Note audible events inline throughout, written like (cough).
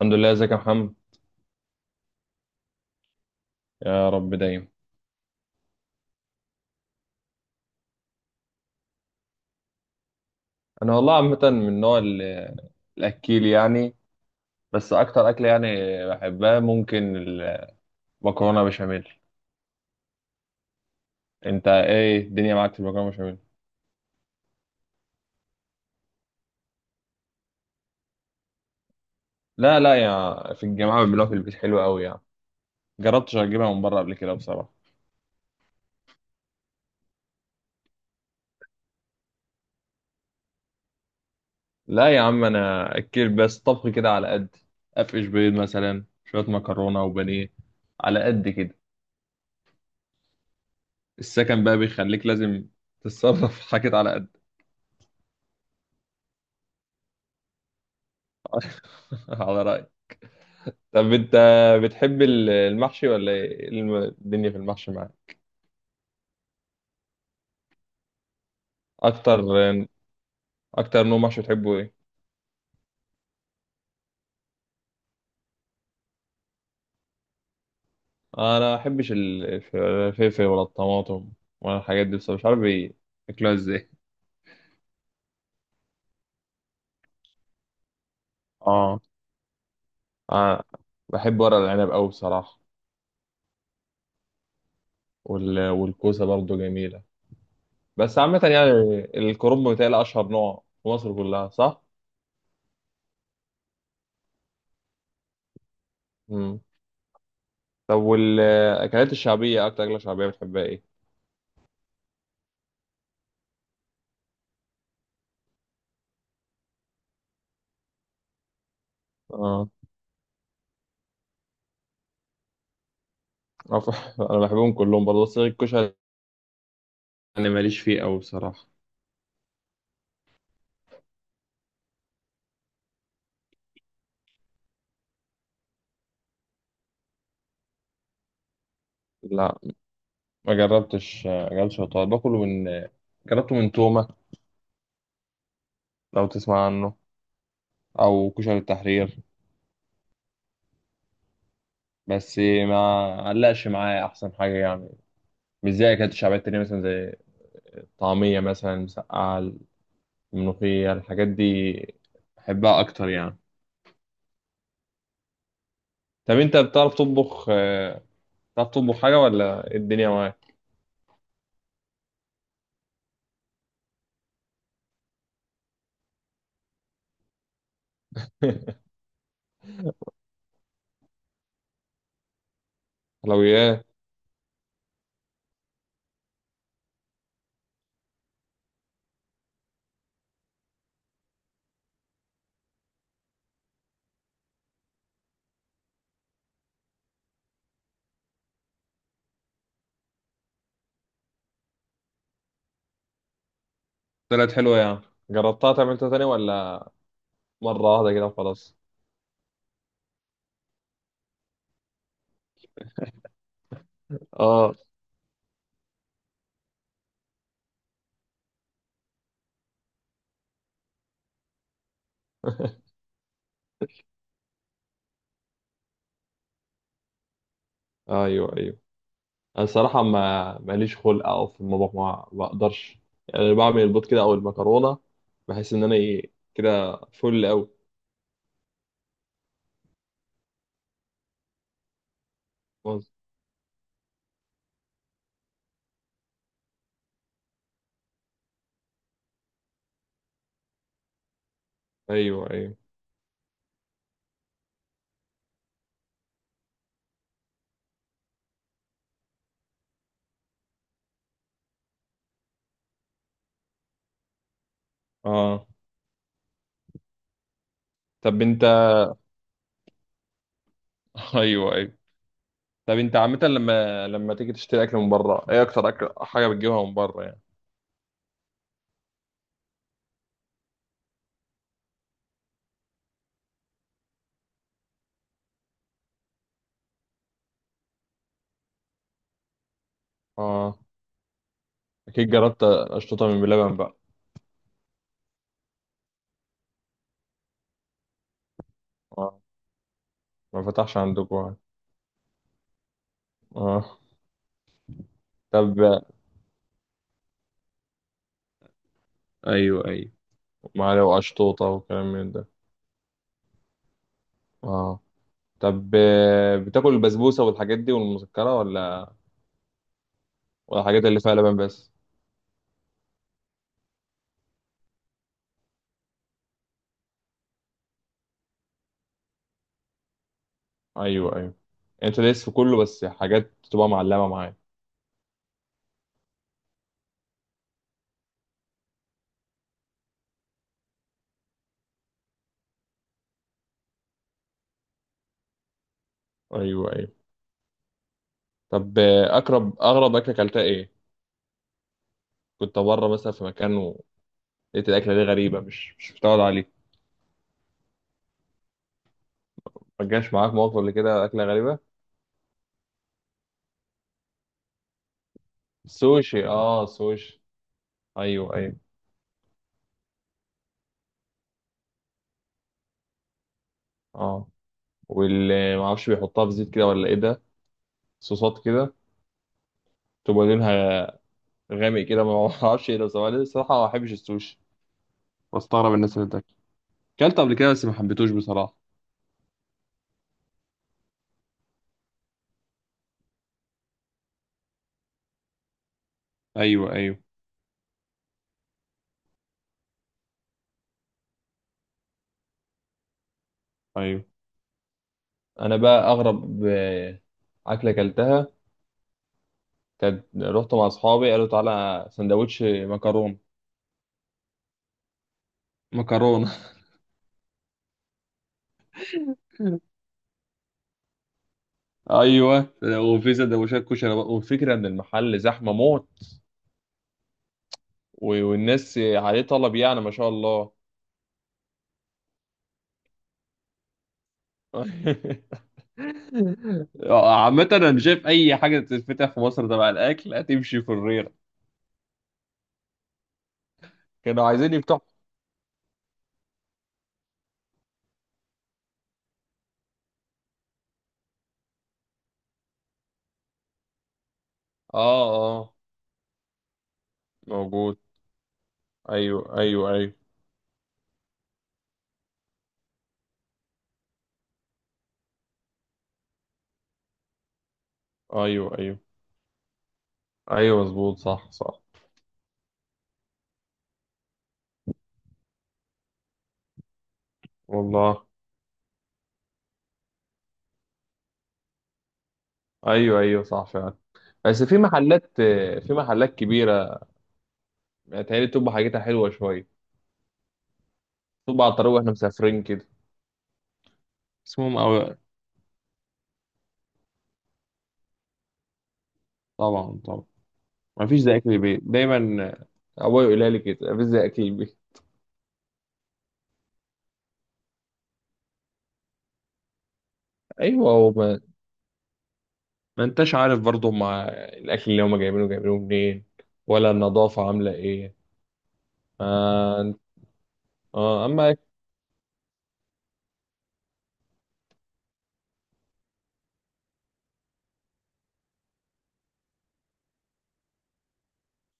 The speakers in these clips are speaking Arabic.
الحمد لله، ازيك يا محمد؟ يا رب دايما. انا والله عامه من نوع الاكيل يعني. بس اكتر اكل يعني بحبها، ممكن المكرونه بشاميل. انت ايه الدنيا معاك في المكرونه بشاميل؟ لا لا، يا في الجامعه بيعملوها في البيت حلوه قوي يعني. جربتش اجيبها من بره قبل كده بصراحه. لا يا عم، انا اكيل بس، طبخ كده على قد. افقش بيض مثلا، شويه مكرونه وبانيه، على قد كده. السكن بقى بيخليك لازم تتصرف (laughs) حاجات على قد. (laughs) على رأيي. طب انت بتحب المحشي، ولا ايه الدنيا في المحشي معاك؟ اكتر اكتر نوع محشي بتحبه ايه؟ انا ما بحبش الفلفل ولا الطماطم ولا الحاجات دي، بس مش عارف بياكلوها ازاي. اه. انا بحب ورق العنب قوي بصراحه. والكوسه برضو جميله. بس عامه يعني الكرنب بتاعي اشهر نوع في مصر كلها، صح؟ امم. طب والاكلات الشعبيه، اكتر اكله شعبيه بتحبها ايه؟ اه. (laughs) أنا بحبهم كلهم برضه، بس الكشري انا ماليش فيه قوي بصراحه. لا، ما جربتش الطواجن، باكله من جربته من تومه لو تسمع عنه، او كشري التحرير. بس ما علقش معايا احسن حاجه يعني، مش زي اكلت شعبيه تانية مثلا، زي الطعميه مثلا، المسقعه، الملوخيه، الحاجات دي بحبها اكتر يعني. طب انت بتعرف تطبخ، بتعرف تطبخ حاجه ولا إيه الدنيا معاك؟ (laughs) حلويات. طلعت حلوه يعني، جربتها تعملتها تاني ولا مره واحده كده وخلاص؟ اه. (laughs) ايوه، ايوه. انا الصراحه ما ماليش خلق او في المطبخ، ما بقدرش يعني، بعمل البيض كده او المكرونه، بحس ان انا ايه كده فل قوي. ايوه، ايوه. اه. طب انت (laughs) ايوه، ايوه. طب انت عامه، لما تيجي تشتري اكل من بره، ايه اكتر اكل حاجه بتجيبها من بره يعني؟ اه، اكيد جربت اشطوطه من بلبن بقى. اه. ما فتحش عندكم يعني. اه. طب. ايوه، ايوه. معلقه واشطوطه وكلام من ده. اه. طب، بتاكل البسبوسه والحاجات دي والمسكره ولا؟ والحاجات اللي فيها لبن بس؟ ايوه، ايوه. انت دايس في كله، بس حاجات تبقى معلمه معايا. ايوه، ايوه. طب، اغرب اكله اكلتها ايه؟ كنت بره مثلا في مكان ولقيت الاكله دي غريبه، مش متعود عليه. ما جاش معاك موقف قبل كده، اكله غريبه؟ سوشي، اه، سوشي. ايوه، ايوه. اه. واللي ما اعرفش بيحطها في زيت كده ولا ايه ده، صوصات كده تبقى لونها غامق كده، ما (laughs) اعرفش ايه ده بصراحه. أنا الصراحه ما بحبش السوشي، بستغرب الناس اللي بتاكل. اكلت قبل كده بس ما حبيتوش بصراحه. ايوه، ايوه، ايوه. انا بقى اغرب اكله اكلتها كانت، رحت مع اصحابي قالوا تعالى سندوتش مكرونه. مكرونه. (laughs) ايوه. وفي سندوتشات كشري بقى، والفكره ان المحل زحمه موت. والناس عليه طلب يعني، ما شاء الله. (laughs) عامة أنا شايف أي حاجة تتفتح في مصر تبع الأكل هتمشي في الريرة. كانوا عايزين يفتحوا. آه، آه. موجود. أيوه، أيوه، أيوه. أيوه، أيوه، أيوه، مظبوط، صح، صح. والله. ايوه، ايوه، صح فعلا. بس في محلات كبيره بتهيألي بتبقى حاجتها حلوه شويه. بتبقى على الطريق واحنا مسافرين كده. اسمهم طبعا، طبعا. ما فيش زي اكل البيت دايما، ابويا يقولها لي كده، ما فيش زي اكل البيت. (laughs) ايوه. هو ما... ما انتش عارف برضه مع الاكل اللي هما جايبينه، جايبينه منين، ولا النظافه عامله ايه. آه. آه. اما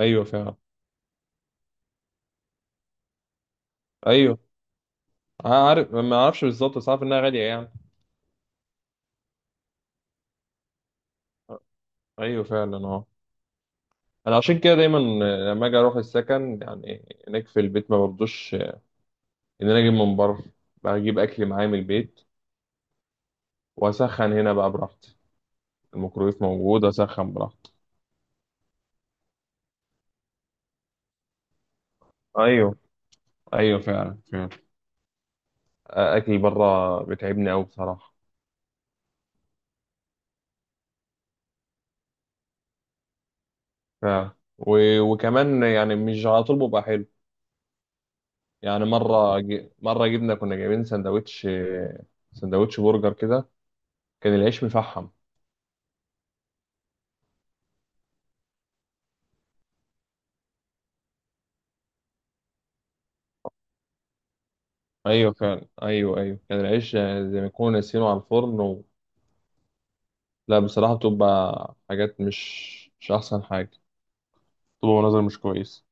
ايوه فعلا. ايوه عارف، ما اعرفش بالظبط، بس عارف انها غاليه يعني. ايوه فعلا، اه. انا عشان كده دايما لما اجي اروح السكن يعني، هناك في البيت ما برضوش ان انا اجيب من بره، بجيب اكل معايا من البيت واسخن هنا بقى براحتي، الميكرويف موجود، اسخن براحتي. ايوه، ايوه، فعلا، فعلا. اكل بره بتعبني قوي بصراحه. فعلا. وكمان يعني مش على طول بيبقى حلو. يعني مره جبنا كنا جايبين سندوتش، سندوتش برجر كده، كان العيش مفحم. ايوه فعلا، ايوه، ايوه، كان العيش زي ما يكونوا ناسينه على الفرن. لا بصراحة، بتبقى حاجات مش أحسن حاجة، بتبقى مناظر مش كويس.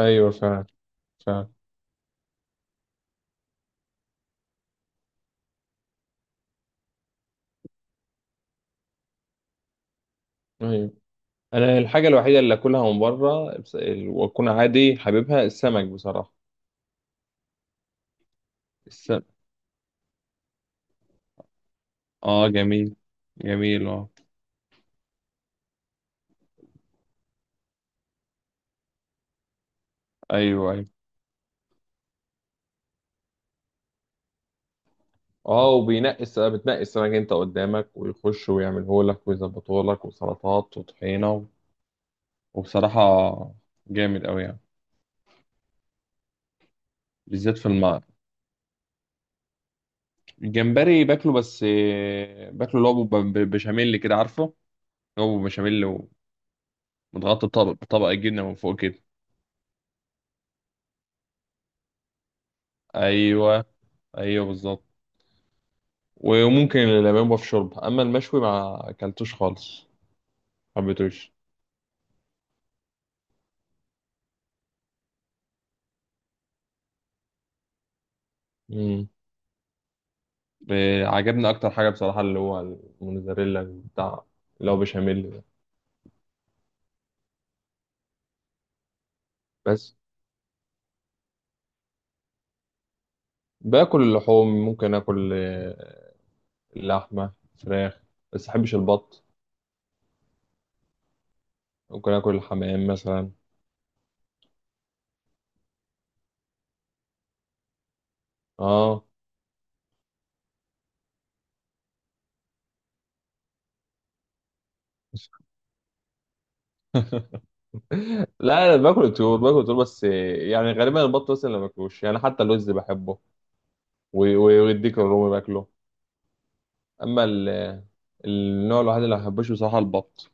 أيوة فعلا، فعلا. أيوة، أنا الحاجة الوحيدة اللي أكلها من بره وأكون عادي حبيبها السمك بصراحة. السمك. اه، جميل، جميل، اه. ايوه، ايوه، اه. بتنقي السمك انت قدامك، ويخش ويعمله لك ويظبطه لك، وسلطات وطحينة وبصراحة جامد أوي يعني. بالذات في الماء. الجمبري باكله، بس باكله اللي هو بشاميل كده، عارفه؟ هو بشاميل. ومتغطى بطبقة جبنة من فوق كده. أيوه، أيوه، بالظبط. وممكن اليابان بقى في شرب، أما المشوي ما أكلتوش خالص، ما حبيتوش. مم. عجبني أكتر حاجة بصراحة اللي هو الموزاريلا بتاع، اللي هو بشاميل ده. بس باكل اللحوم، ممكن آكل، اللحمة، فراخ، بس مبحبش البط. ممكن آكل الحمام مثلا. اه. لا، انا باكل الطيور، باكل الطيور، بس يعني غالبا البط مثلا ما باكلوش يعني، حتى اللوز بحبه، ويديك الرومي باكله. اما النوع الوحيد اللي ما بحبوش بصراحه البط.